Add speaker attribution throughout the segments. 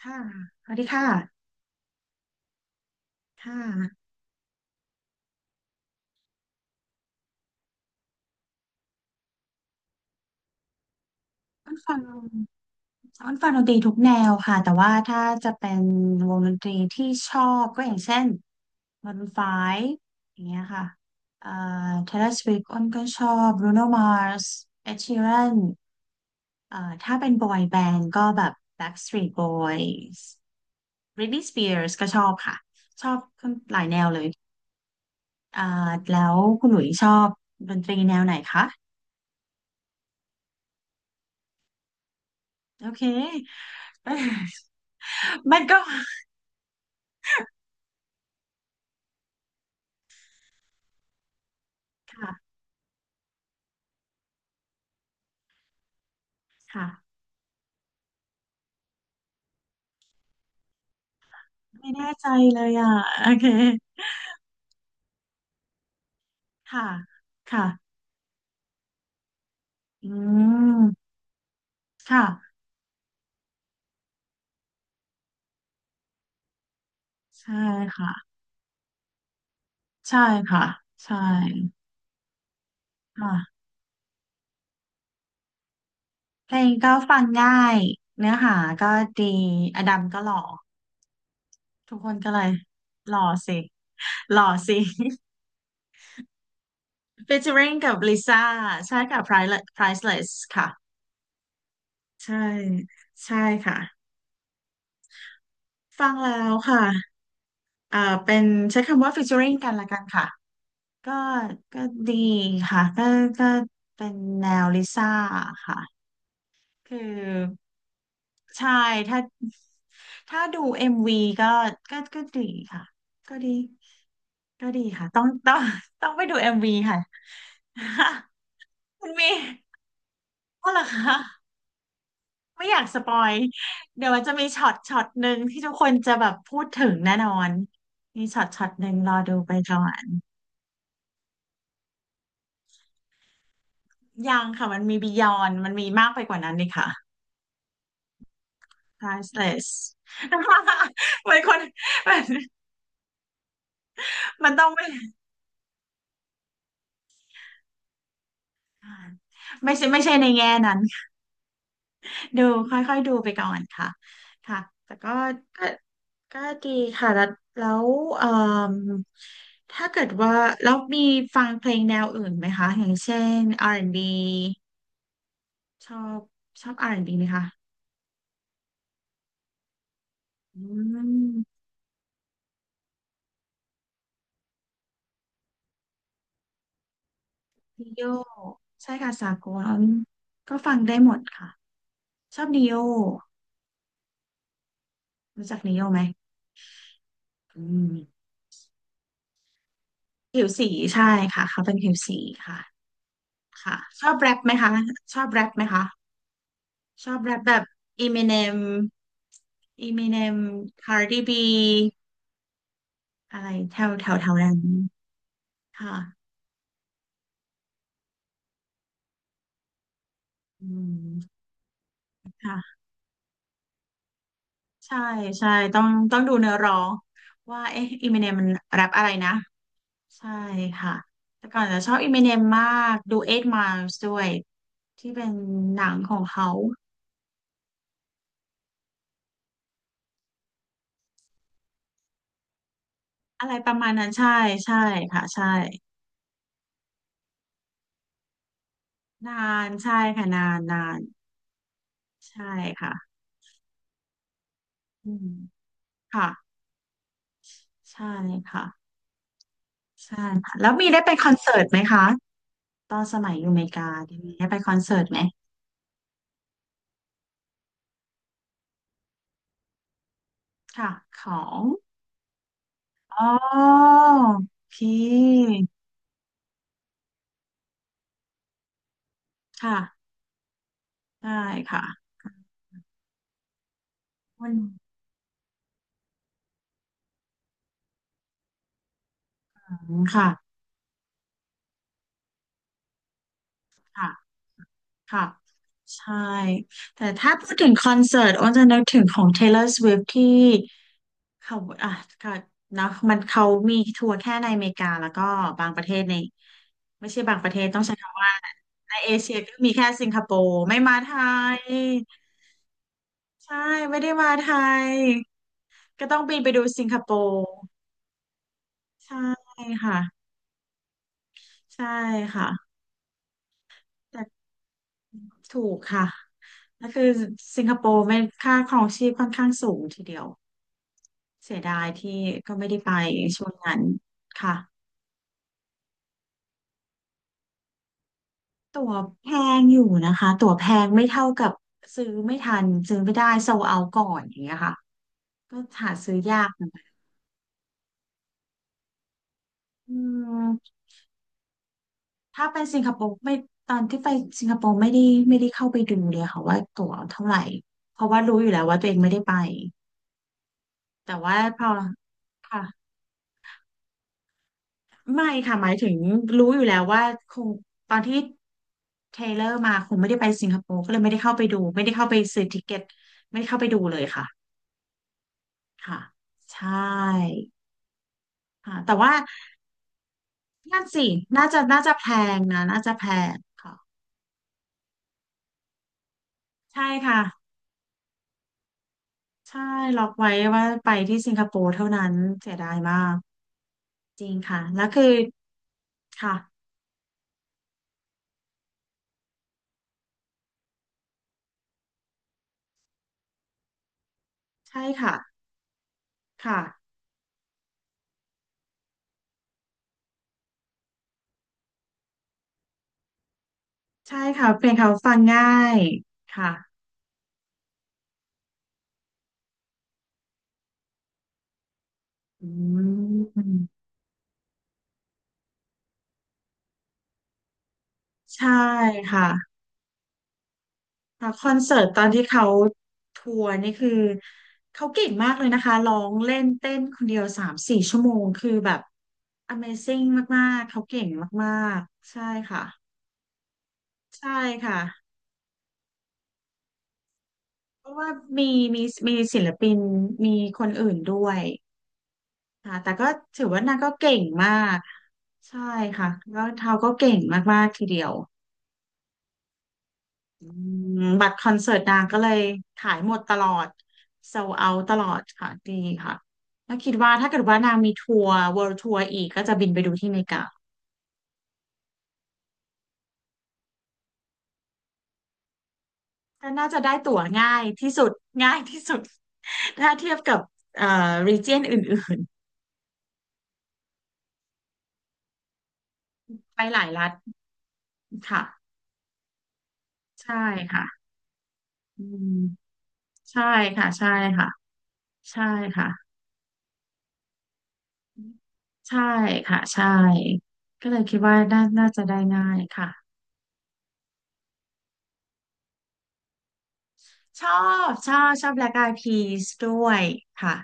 Speaker 1: ค่ะสวัสดีค่ะ ค่ะฟังซ้อนฟังดนตรีทุกแนวค่ะแต่ว่าถ้าจะเป็นวงดนตรีที่ชอบก็อย่างเช่น Maroon 5อย่างเงี้ยค่ะเอ่อ Taylor Swift อ้นก็ชอบ Bruno Mars Ed Sheeran เอ่อถ้าเป็นบอยแบนด์ก็แบบ Backstreet Boys Britney Spears ก็ชอบค่ะชอบหลายแนวเลยอ่าแล้วคุณหลุยชอบดนตรีแนวไหนคะโอเค มันก็ ค่ะค่ะไม่แน่ใจเลยอ่ะโอเคค่ะค่ะอืมค่ะใช่ค่ะใช่ค่ะใช่ค่ะเพลงก็ฟังง่ายเนื้อหาก็ดีอดัมก็หล่อทุกคนก็เลยหล่อสิหล่อสิ featuring กับลิซ่าใช่ค่ะ Priceless Priceless ค่ะใช่ใช่ค่ะฟังแล้วค่ะเอ่อเป็นใช้คำว่า featuring กันละกันค่ะ ก็ก็ดีค่ะก็เป็นแนวลิซ่าค่ะคือใช่ถ้าถ้าดูเอ็มวีก็ก็ดีค่ะก็ดีก็ดีค่ะต้องไปดูเอ็มวีค่ะ คุณมีก็เหรอคะไม่อยากสปอยเดี๋ยวมันจะมีช็อตหนึ่งที่ทุกคนจะแบบพูดถึงแน่นอนมีช็อตหนึ่งรอดูไปก่อนยังค่ะมันมีบียอนมันมีมากไปกว่านั้นนี่ค่ะ priceless เป็นคนมันมันต้องไม่ไม่ใช่ในแง่นั้นดูค่อยๆดูไปก่อนค่ะค่ะแต่ก็ก็ก็ดีค่ะ แล้วเอ่มถ้าเกิดว่าแล้วมีฟังเพลงแนวอื่นไหมคะ อย่างเช่น R&B ชอบชอบ R&B ไหมคะอืมนิโยใช่ค่ะสากลก็ฟังได้หมดค่ะ ชอบนิโยรู้จักนิโยไหมอืม ผิวสีใช่ค่ะเขาเป็นผิวสีค่ะค่ะชอบแรปไหมคะชอบแรปไหมคะชอบแรปแบบอีม n เนมอีม n เนมคาร์ดิบีอะไรแถวแถวแถวนั้นค่ะอืมค่ะใช่ใช่ต้องดูเนื้อร้องว่าเอ๊ะอีมิเนมมันแรปอะไรนะใช่ค่ะแต่ก่อนจะชอบอีมิเนมมากดูเอ g Miles ด้วยที่เป็นหนังของเขาอะไรประมาณนั้นใช่ใช่ค่ะใช่ นานใช่ค่ะนานใช่ค่ะอืมค่ะใช่ค่ะใช่ค่ะแล้วมีได้ไปคอนเสิร์ตไหมคะตอนสมัยอยู่อเมริกาได้มีได้ไปคอนเสิร์ตไหมค่ะของอ๋อโอเคค่ะได้ค่ะวันหลังค่ะค่ะค่ะใช่แต่ถ้าพูดถึงคอนเสิร์ตอ้นจะนึกถึงของ Taylor Swift ที่ เขาอ่ะก็นะมันเขามีทัวร์แค่ในอเมริกาแล้วก็บางประเทศในไม่ใช่บางประเทศต้องใช้คำว่าในเอเชียก็มีแค่สิงคโปร์ไม่มาไทยใช่ไม่ได้มาไทยก็ต้องบินไปดูสิงคโปร์ใช่ค่ะใช่ค่ะแต่ถูกค่ะก็คือสิงคโปร์ไม่ค่าครองชีพค่อนข้างสูงทีเดียวเสียดายที่ก็ไม่ได้ไปช่วงนั้นค่ะ ตั๋วแพงอยู่นะคะตั๋วแพงไม่เท่ากับซื้อไม่ทันซื้อไม่ได้โซเอาก่อนอย่างเงี้ยค่ะก็หาซื้อยากนะอืมถ้าเป็นสิงคโปร์ไม่ตอนที่ไปสิงคโปร์ไม่ได้ไม่ได้เข้าไปดูเลยค่ะว่าตั๋วเท่าไหร่เพราะว่ารู้อยู่แล้วว่าตัวเองไม่ได้ไปแต่ว่าพอค่ะไม่ค่ะหมายถึงรู้อยู่แล้วว่าคงตอนที่เทรลเลอร์มาคงไม่ได้ไปสิงคโปร์ก็เลยไม่ได้เข้าไปดูไม่ได้เข้าไปซื้อติเกตไม่ได้เข้าไปดูเลยค่ะค่ะใช่ ค่ะแต่ว่านั่นสิน่าจะแพงนะน่าจะแพงค่ะใช่ค่ะใช่ล็อกไว้ว่าไปที่สิงคโปร์เท่านั้นเสียดายมากจริงค่ะแล้วคือค่ะใช่ค่ะค่ะใช่ค่ะเพลงเขาฟังง่ายค่ะอืมใช่ค่ะ ค่ะคอนเสิร์ตตอนที่เขาทัวร์นี่คือเขาเก่งมากเลยนะคะร้องเล่นเต้นคนเดียว3-4 ชั่วโมงคือแบบ Amazing มากๆเขาเก่งมากๆใช่ค่ะใช่ค่ะเพราะว่ามีมีศิลปินมีคนอื่นด้วยค่ะแต่ก็ถือว่านางก็เก่งมากใช่ค่ะแล้วเทาก็เก่งมากๆทีเดียว อืมบัตรคอนเสิร์ตนางก็เลยขายหมดตลอดโซเอาตลอดค่ะดีค่ะแล้วคิดว่าถ้าเกิดว่านางมีทัวร์ World Tour อีกก็จะบินไปดูที่อเมริกาแต่น่าจะได้ตั๋วง่ายที่สุดง่ายที่สุด ถ้าเทียบกับเอ่อ region อื่นๆไปหลายรัฐค่ะใช่ค่ะอืมใช่ค่ะใช่ค่ะใช่ค่ะใช่ค่ะใช่ก็เลยคิดว่าน่าน่าจะได้ง่ายค่ะ ชอชอบแบล็กไอพีสด้วยค่ะ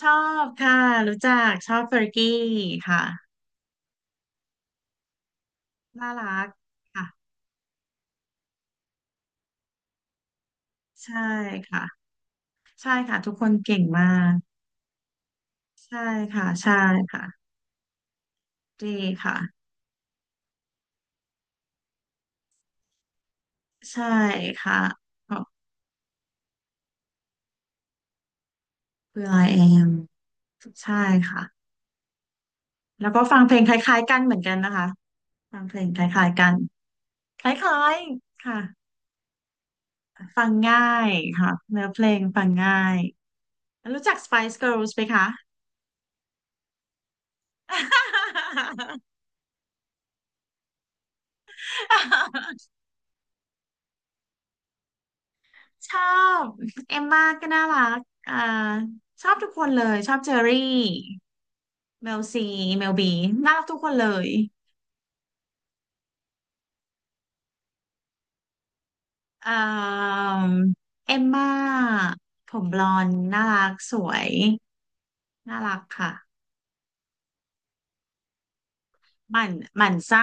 Speaker 1: ชอบค่ะรู้จักชอบเฟอร์กี้ค่ะน่ารักค่ะใช่ค่ะใช่ค่ะทุกคนเก่งมากใช่ค่ะใช่ค่ะดีค่ะใช่ค่ะขอบคุณไอเอมใช่ค่ะแล้วก็ฟังเพลงคล้ายๆกันเหมือนกันนะคะฟังเพลงคล้ายๆกันคล้ายๆค่ะฟังง่ายค่ะเนื้อเพลงฟังง่ายรู้จัก Spice Girls ไหมคะ ชอบเอมมาก็น่ารักอ่าชอบทุกคนเลยชอบเจอรี่เมลซีเมลบีน่ารักทุกคนเลยอ่ามเอมมาผมบลอนด์น่ารักสวยน่ารักค่ะ หมั่นหมั่นไส้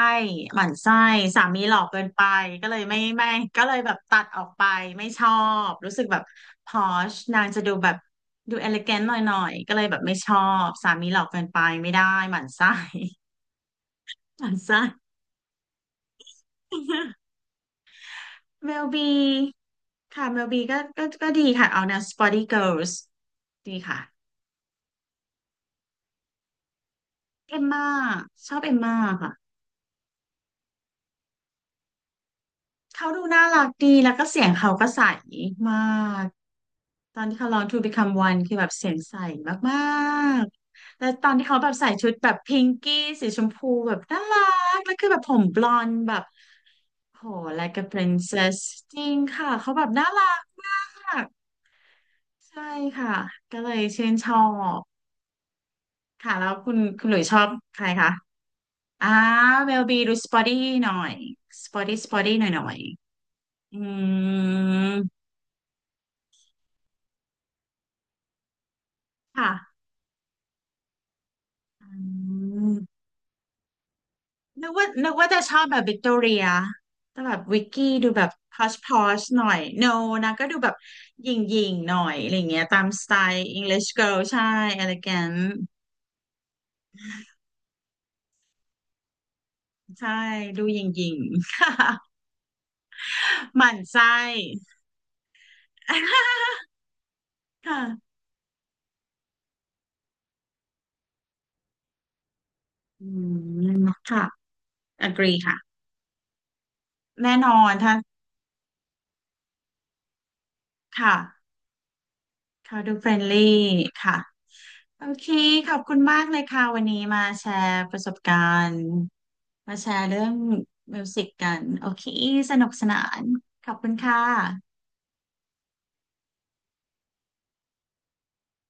Speaker 1: หมั่นไส้สามีหล่อเกินไป ก็เลยไม่ก็เลยแบบตัดออกไป ไม่ชอบ รู้สึกแบบพอชนางจะดูแบบดูเอลิแกนหน่อยก็เลยแบบไม่ชอบ สามีหล่อเกินไปไม่ได้หมั่นไส้ หมั่นไส้ เมลบี ค่ะเมลบีก็ดีค่ะเอาแนว Spotty Girls ดีค่ะ เอมม่าชอบเอมม่าค่ะ เขาดูน่ารักดีแล้วก็เสียงเขาก็ใสมาก ตอนที่เขาร้อง To Become One คือแบบเสียงใสมากๆ แล้วตอนที่เขาแบบใส่ชุดแบบพิงกี้สีชมพูแบบน่ารัก แล้วคือแบบผมบลอนด์แบบโห like a princess จริงค่ะเขาแบบน่ารักมากใช่ค่ะก็เลยชื่นชอบค่ะแล้วคุณหลุยชอบใครคะอ่าเวลบีดูสปอตี้หน่อยสปอตี้สปอตี้หน่อยอืมค่ะ อืมนึกว่าจะชอบแบบวิกตอเรียแต่แบบวิกกี้ดูแบบพอชหน่อยโนนะก็ดูแบบหยิ่งหยิ่งหน่อยอะไรเงี้ยตามสไตล์ English Girl ใช่ elegant ใช่ดูหยิ่งหยิ่ง หมั่นไส้ ค่ะอืมค่ะ agree ค่ะแน่นอนถ้าค่ะเขาดูเฟรนลี่ค่ะ โอเค ขอบคุณมากเลยค่ะ วันนี้มาแชร์ประสบการณ์ มาแชร์เรื่องมิวสิกกัน โอเค สนุกสนานขอบคุณค่ะ